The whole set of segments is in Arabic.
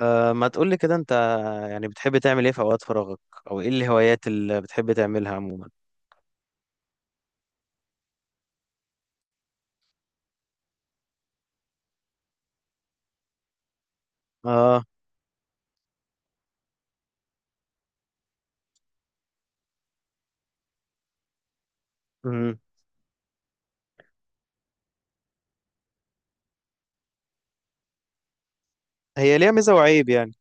أه، ما تقولي كده انت. يعني بتحب تعمل ايه في اوقات فراغك؟ او ايه الهوايات اللي بتحب تعملها عموما؟ اه. مم. هي ليها ميزة وعيب يعني.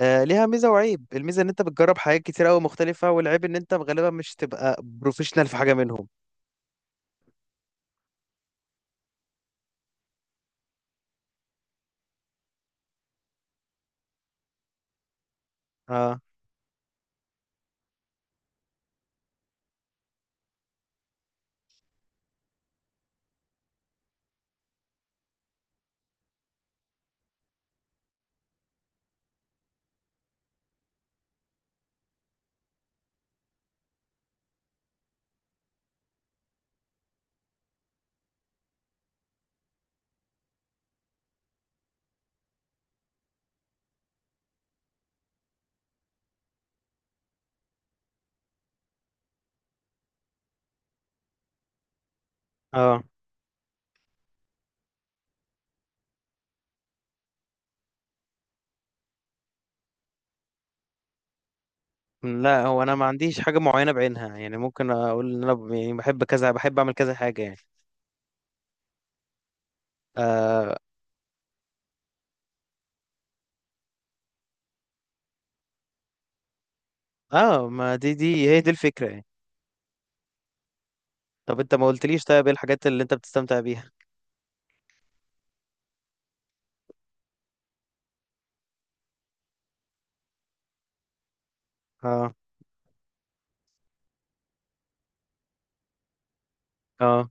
أه، ليها ميزة وعيب، الميزة ان انت بتجرب حاجات كتير قوي مختلفة، والعيب ان انت غالبا مش تبقى بروفيشنال في حاجة منهم. اه. اه. مم، لا، هو انا ما عنديش حاجة معينة بعينها، يعني ممكن اقول ان انا يعني بحب كذا، بحب اعمل كذا حاجة يعني. اه. اه، ما دي هي دي الفكرة يعني. طب انت ما قلتليش، طيب ايه الحاجات اللي انت بتستمتع بيها؟ اه. اه.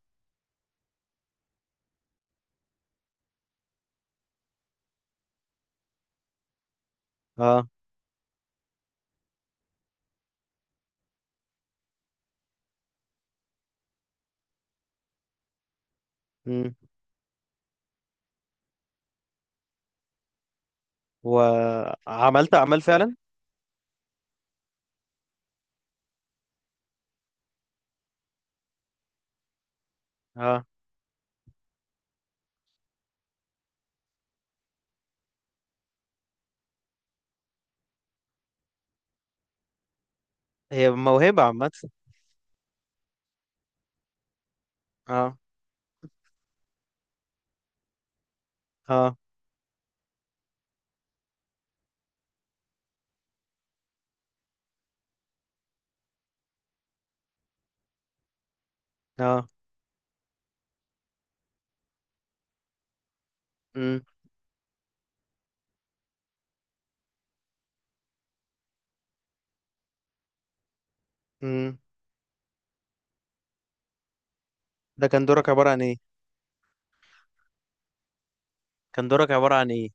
اه. وعملت اعمال فعلا؟ اه. هي موهبه عامه. اه. اه. اه. امم. امم. ده كان دورك عباره عن ايه؟ كان دورك عباره عن ايه؟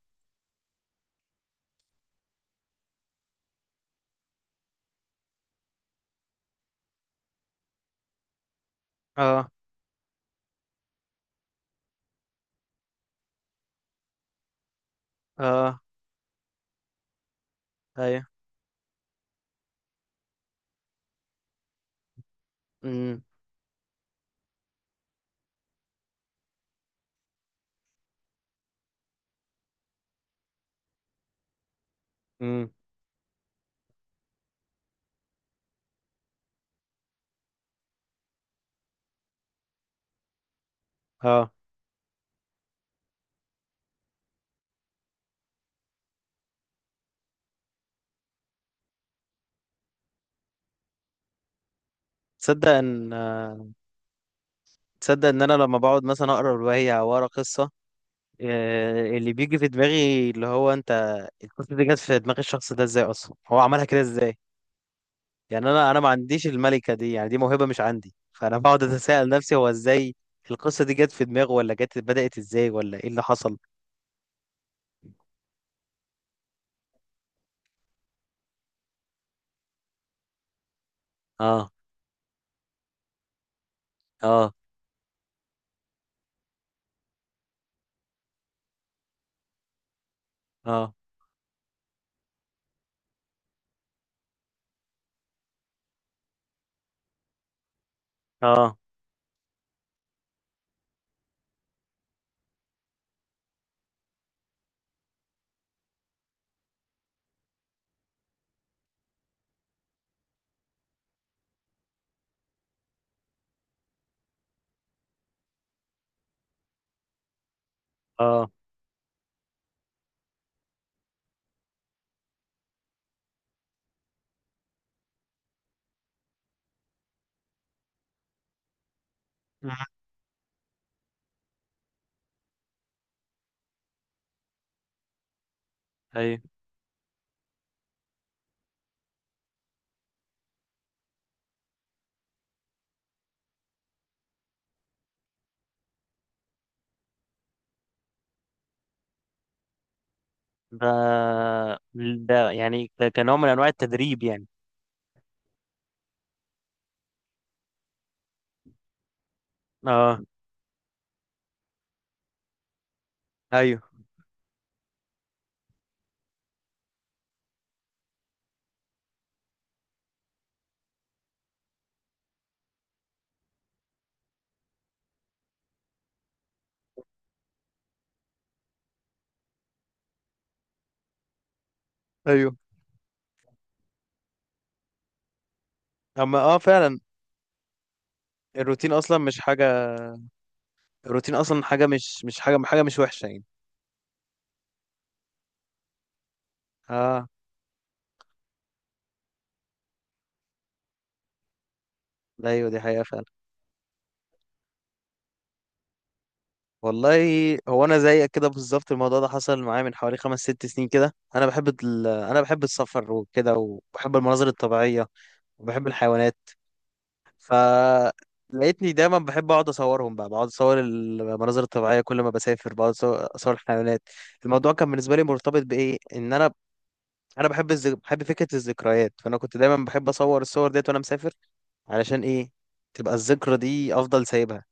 اه. اه. ايوه. امم. امم. اه. تصدق ان تصدق ان انا لما بقعد مثلا اقرا روايه او اقرا قصه، اللي بيجي في دماغي اللي هو انت، القصه دي جت في دماغ الشخص ده ازاي؟ اصلا هو عملها كده ازاي؟ يعني انا ما عنديش الملكه دي، يعني دي موهبه مش عندي، فانا بقعد اتساءل نفسي هو ازاي القصه دي جت في دماغه، ولا جت بدات ازاي، ولا ايه اللي حصل. اه. اه. اه. اه. اه. مم. ايوه. ده ده يعني ده كنوع من انواع التدريب يعني. اه. ايوه. ايوه. اما اه فعلا. الروتين اصلا مش حاجه، الروتين اصلا حاجه مش حاجه، حاجه مش وحشه يعني. اه. ايوه، دي حقيقه فعلا. والله، هو انا زيك كده بالظبط، الموضوع ده حصل معايا من حوالي خمس ست سنين كده. انا بحب انا بحب السفر وكده، وبحب المناظر الطبيعيه، وبحب الحيوانات. ف لقيتني دايما بحب اقعد اصورهم بقى، بقعد اصور المناظر الطبيعيه كل ما بسافر، بقعد أصور الحيوانات. الموضوع كان بالنسبه لي مرتبط بايه؟ ان انا، انا بحب بحب فكره الذكريات، فانا كنت دايما بحب اصور الصور ديت وانا مسافر. علشان ايه؟ تبقى الذكرى دي افضل سايبها.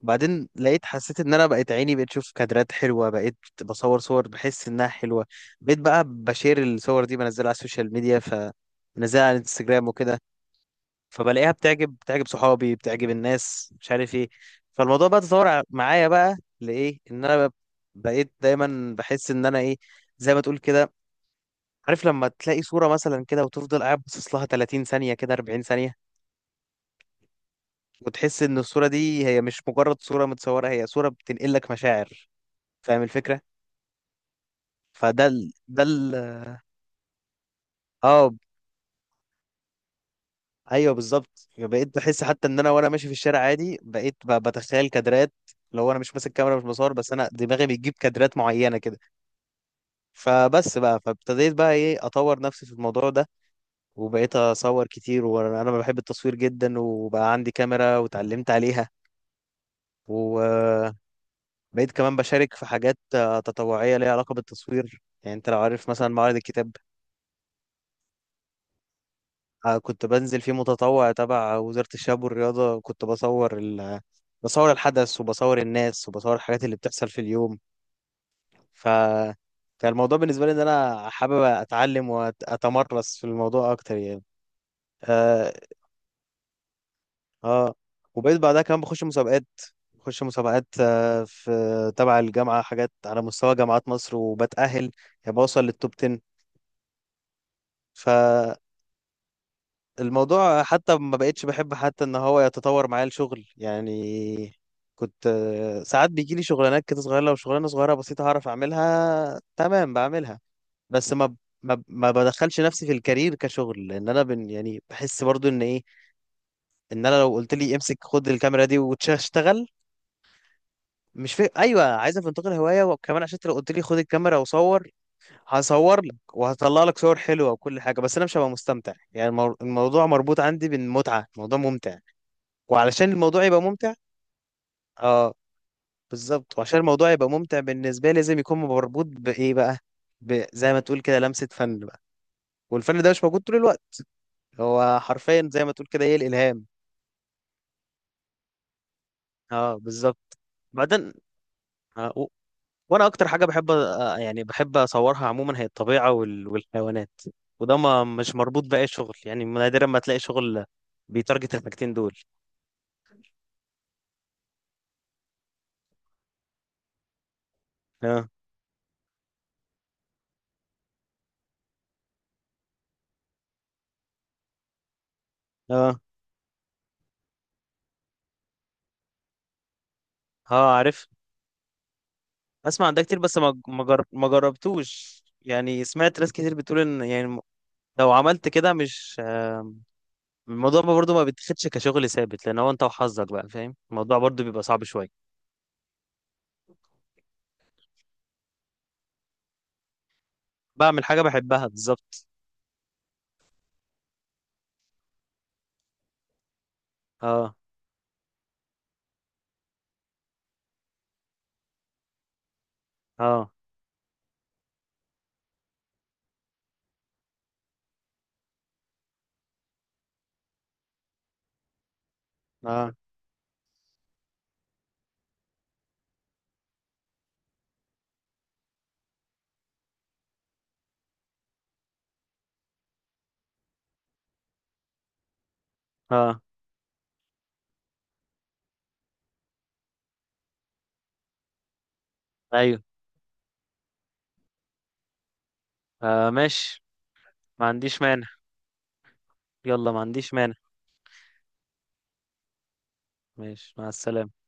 بعدين لقيت، حسيت ان انا بقيت عيني بقيت اشوف كادرات حلوه، بقيت بصور صور بحس انها حلوه. بقيت بقى بشير الصور دي، بنزلها على السوشيال ميديا، فبنزلها على الانستجرام وكده، فبلاقيها بتعجب صحابي، بتعجب الناس، مش عارف ايه. فالموضوع بقى تطور معايا بقى لايه، ان انا بقيت دايما بحس ان انا ايه، زي ما تقول كده، عارف لما تلاقي صورة مثلا كده وتفضل قاعد باصص لها 30 ثانية كده، 40 ثانية، وتحس ان الصورة دي هي مش مجرد صورة متصورة، هي صورة بتنقل لك مشاعر. فاهم الفكرة؟ فده ال... ده ال... اه، ايوه، بالظبط، بقيت بحس حتى ان انا وانا ماشي في الشارع عادي بقيت بتخيل كادرات، لو انا مش ماسك كاميرا، مش بصور، بس انا دماغي بتجيب كادرات معينه كده. فبس بقى، فابتديت بقى ايه اطور نفسي في الموضوع ده، وبقيت اصور كتير، وانا بحب التصوير جدا، وبقى عندي كاميرا وتعلمت عليها. وبقيت كمان بشارك في حاجات تطوعيه ليها علاقه بالتصوير، يعني انت لو عارف مثلا معرض الكتاب، كنت بنزل فيه متطوع تبع وزارة الشباب والرياضة، كنت بصور بصور الحدث، وبصور الناس، وبصور الحاجات اللي بتحصل في اليوم. ف كان الموضوع بالنسبة لي إن أنا حابب أتعلم وأتمرس في الموضوع أكتر يعني. آه, آه. وبقيت بعدها كمان بخش مسابقات، في تبع الجامعة حاجات على مستوى جامعات مصر، وبتأهل يعني، بوصل للتوب 10. الموضوع حتى ما بقتش بحب حتى ان هو يتطور معايا الشغل يعني، كنت ساعات بيجي لي شغلانات كده صغيره، لو شغلانه صغيره بسيطه هعرف اعملها تمام بعملها. بس ما بدخلش نفسي في الكارير كشغل، لان انا بن يعني بحس برضو ان ايه، ان انا لو قلت لي امسك، خد الكاميرا دي واشتغل، مش في، ايوه، عايز انتقل هوايه، وكمان عشان انت لو قلت لي خد الكاميرا وصور، هصور لك وهطلع لك صور حلوه وكل حاجه، بس انا مش هبقى مستمتع يعني. الموضوع مربوط عندي بالمتعه، الموضوع ممتع، وعلشان الموضوع يبقى ممتع، اه بالظبط، وعشان الموضوع يبقى ممتع بالنسبه لي لازم يكون مربوط بايه بقى؟ زي ما تقول كده لمسه فن بقى، والفن ده مش موجود طول الوقت، هو حرفيا زي ما تقول كده ايه الالهام. اه بالظبط. بعدين، آه و... وانا اكتر حاجه بحب يعني بحب اصورها عموما هي الطبيعه والحيوانات، وده ما مش مربوط باي شغل، يعني نادرا ما تلاقي شغل بيتارجت الحاجتين دول. اه. اه. اه، عارف، اسمع عن ده كتير بس ما جربتوش يعني، سمعت ناس كتير بتقول ان يعني لو عملت كده مش، الموضوع ما برضو ما بيتاخدش كشغل ثابت، لان هو انت وحظك بقى، فاهم، الموضوع برضو بيبقى صعب شويه. بعمل حاجه بحبها بالظبط. اه. اه. اه. اه. ايوه. آه، ماشي. ما عنديش مانع. يلا، ما عنديش مانع. ماشي، مع السلامه.